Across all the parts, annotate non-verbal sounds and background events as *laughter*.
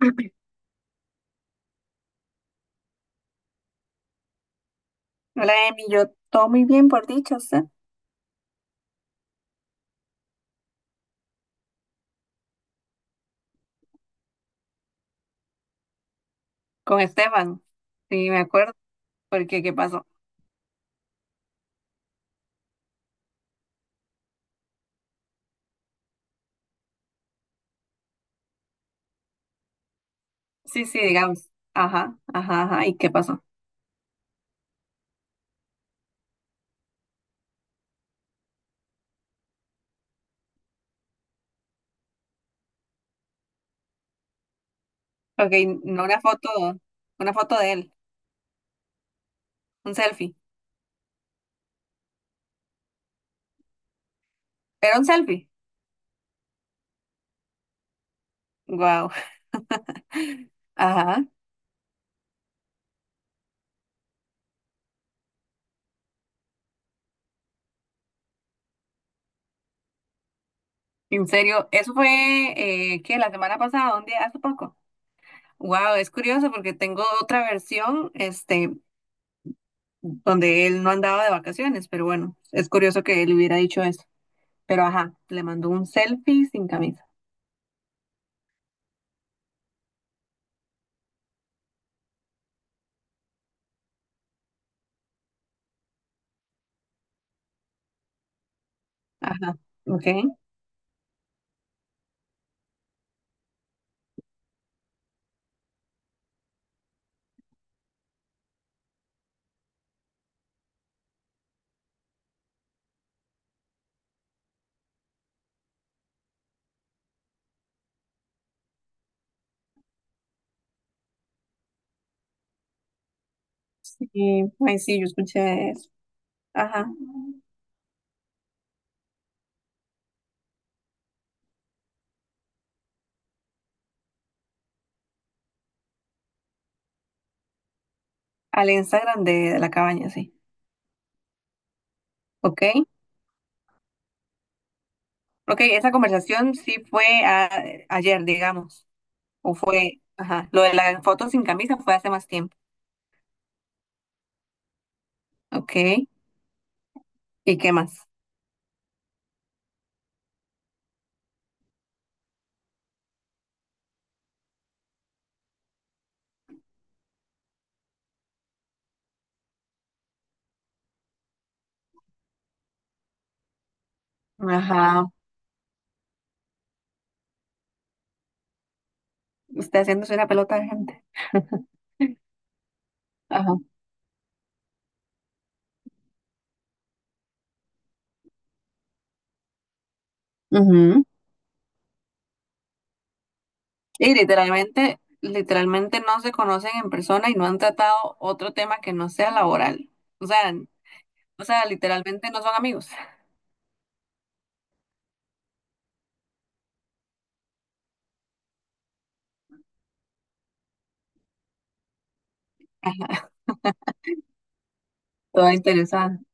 *clears throat* Hola, Emi, yo todo muy bien, por dicho, ¿usted? Con Esteban, sí, me acuerdo, porque ¿qué pasó? Sí, sí, digamos, ajá, ajá, ajá, ¿y qué pasó? Ok, no una foto, una foto de él, un selfie, ¿era un selfie? Wow, *laughs* ajá, en serio, eso fue, ¿qué? La semana pasada, un día, hace poco. Wow, es curioso porque tengo otra versión, donde él no andaba de vacaciones, pero bueno, es curioso que él hubiera dicho eso, pero ajá, le mandó un selfie sin camisa. Ajá, ok. Sí, ay, sí, yo escuché eso. Ajá, al Instagram de la cabaña, sí. Ok, ok, esa conversación sí fue ayer, digamos, o fue, ajá, lo de la foto sin camisa fue hace más tiempo. Ok, ¿y qué más? Ajá, usted haciéndose una pelota de gente. *laughs* Ajá. Ujú. Y literalmente, literalmente no se conocen en persona y no han tratado otro tema que no sea laboral. O sea, o sea, literalmente no son amigos. *laughs* Todo interesante.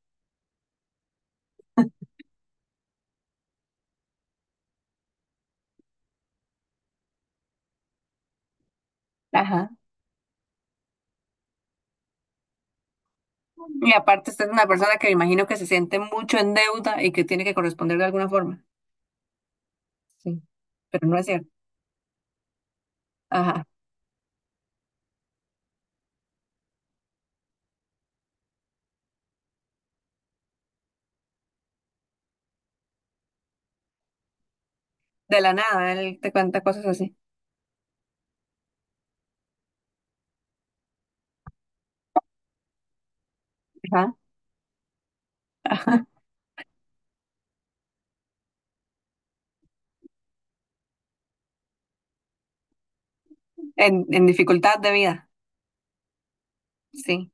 Ajá. Y aparte, usted es una persona que me imagino que se siente mucho en deuda y que tiene que corresponder de alguna forma. Sí, pero no es cierto. Ajá. De la nada, él te cuenta cosas así. Ajá. Ajá. En dificultad de vida. Sí.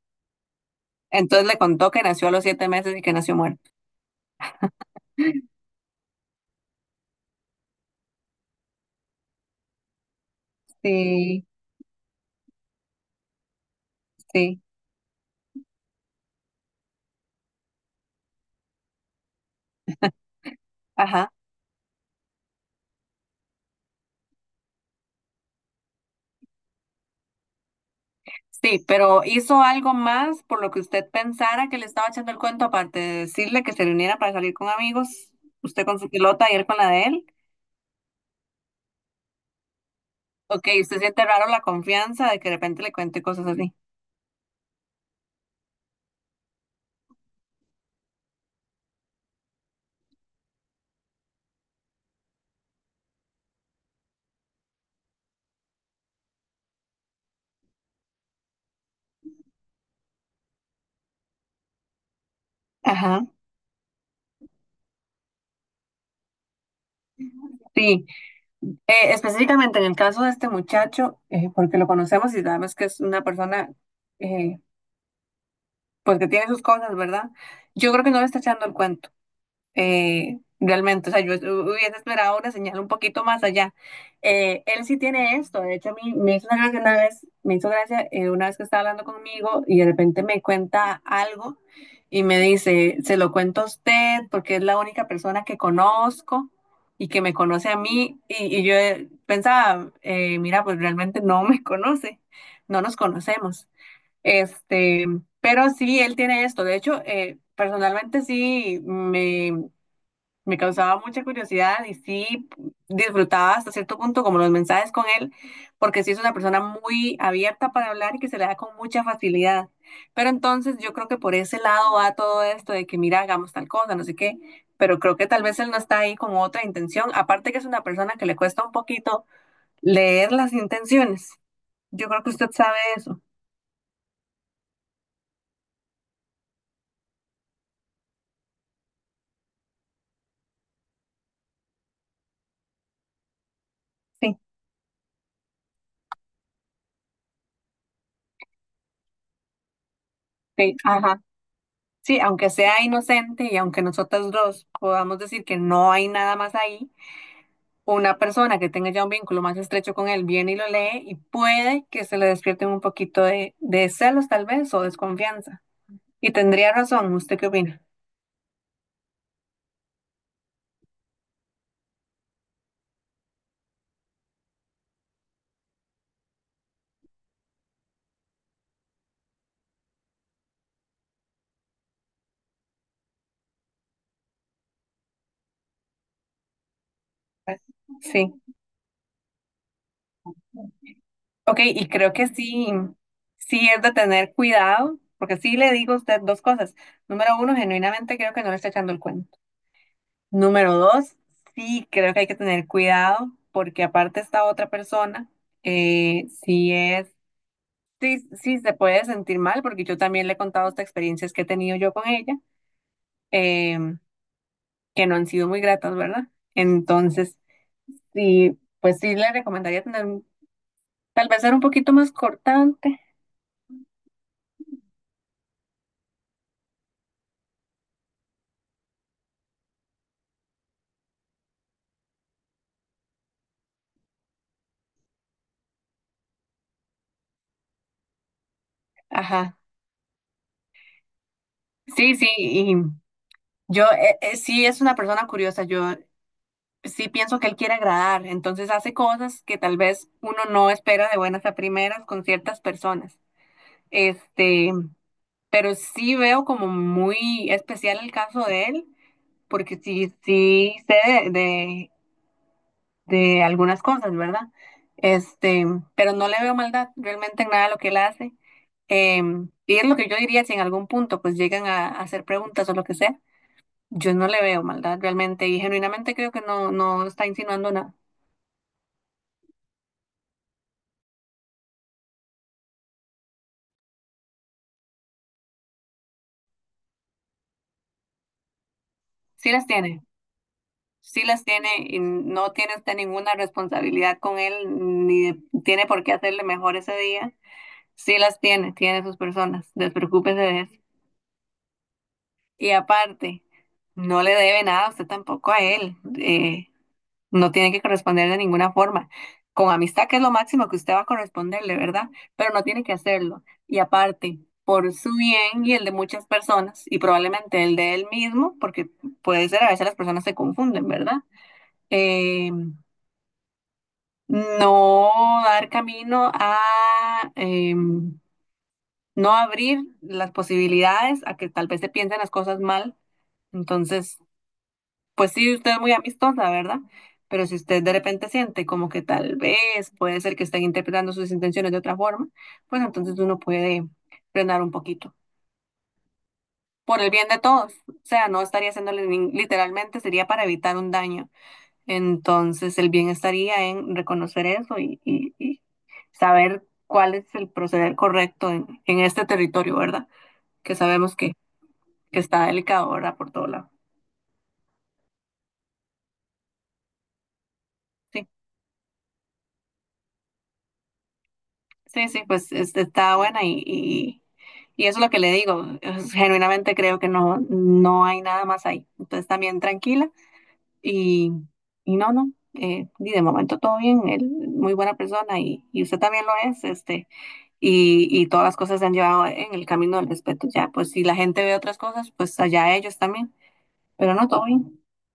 Entonces le contó que nació a los 7 meses y que nació muerto. Sí, sí. Ajá. Sí, pero hizo algo más por lo que usted pensara que le estaba echando el cuento, aparte de decirle que se reuniera para salir con amigos, usted con su pilota y él con la de él. Ok, usted siente raro la confianza de que de repente le cuente cosas así. Ajá, sí. Específicamente en el caso de este muchacho, porque lo conocemos y sabemos que es una persona, eh, pues que tiene sus cosas, ¿verdad? Yo creo que no le está echando el cuento. Realmente. O sea, yo hubiese esperado una señal un poquito más allá. Él sí tiene esto. De hecho, a mí me hizo una gracia una vez, me hizo gracia una vez que estaba hablando conmigo y de repente me cuenta algo y me dice, se lo cuento a usted porque es la única persona que conozco. Y que me conoce a mí, y yo pensaba, mira, pues realmente no me conoce, no nos conocemos. Este, pero sí, él tiene esto. De hecho, personalmente sí, me causaba mucha curiosidad y sí disfrutaba hasta cierto punto como los mensajes con él, porque sí es una persona muy abierta para hablar y que se le da con mucha facilidad. Pero entonces yo creo que por ese lado va todo esto de que mira, hagamos tal cosa, no sé qué, pero creo que tal vez él no está ahí con otra intención, aparte que es una persona que le cuesta un poquito leer las intenciones. Yo creo que usted sabe eso. Sí, sí, ajá. Sí, aunque sea inocente y aunque nosotros dos podamos decir que no hay nada más ahí una persona que tenga ya un vínculo más estrecho con él viene y lo lee y puede que se le despierten un poquito de celos tal vez o desconfianza. Y tendría razón, ¿usted qué opina? Sí. Ok, y creo que sí, sí es de tener cuidado, porque sí le digo a usted dos cosas. Número uno, genuinamente creo que no le está echando el cuento. Número dos, sí creo que hay que tener cuidado, porque aparte esta otra persona, sí es. Sí, sí, se puede sentir mal porque yo también le he contado estas experiencias que he tenido yo con ella, em, que no han sido muy gratas, ¿verdad? Entonces, sí, pues sí le recomendaría tener, tal vez ser un poquito más cortante. Ajá. Sí, sí, y yo sí es una persona curiosa. Yo sí pienso que él quiere agradar, entonces hace cosas que tal vez uno no espera de buenas a primeras con ciertas personas. Este, pero sí veo como muy especial el caso de él, porque sí, sí sé de, de, de algunas cosas, ¿verdad? Este, pero no le veo maldad realmente en nada de lo que él hace. Y es lo que yo diría si en algún punto pues llegan a hacer preguntas o lo que sea. Yo no le veo maldad realmente y genuinamente creo que no, no está insinuando nada. Sí las tiene. Sí las tiene y no tiene usted ninguna responsabilidad con él, ni tiene por qué hacerle mejor ese día. Sí las tiene, tiene sus personas, despreocúpese de eso. Y aparte, no le debe nada a usted tampoco a él, no tiene que corresponder de ninguna forma. Con amistad, que es lo máximo que usted va a corresponderle, ¿verdad? Pero no tiene que hacerlo. Y aparte, por su bien y el de muchas personas, y probablemente el de él mismo, porque puede ser, a veces las personas se confunden, ¿verdad? Eh, No dar camino a no abrir las posibilidades a que tal vez se piensen las cosas mal. Entonces, pues sí, usted es muy amistosa, ¿verdad? Pero si usted de repente siente como que tal vez puede ser que estén interpretando sus intenciones de otra forma, pues entonces uno puede frenar un poquito. Por el bien de todos. O sea, no estaría haciéndole literalmente, sería para evitar un daño. Entonces, el bien estaría en reconocer eso y saber cuál es el proceder correcto en este territorio, ¿verdad? Que sabemos que está delicado, ¿verdad? Por todo lado. Sí, sí, sí, pues está buena y eso es lo que le digo. Genuinamente creo que no, no hay nada más ahí. Entonces, también tranquila y, y no, no. Y de momento todo bien, él muy buena persona y usted también lo es. Y todas las cosas se han llevado en el camino del respeto. Ya, pues si la gente ve otras cosas, pues allá ellos también. Pero no, todo bien. *laughs*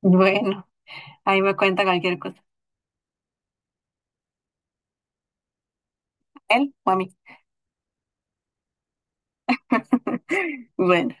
Bueno, ahí me cuenta cualquier cosa. Él o a mí. *laughs* Bueno.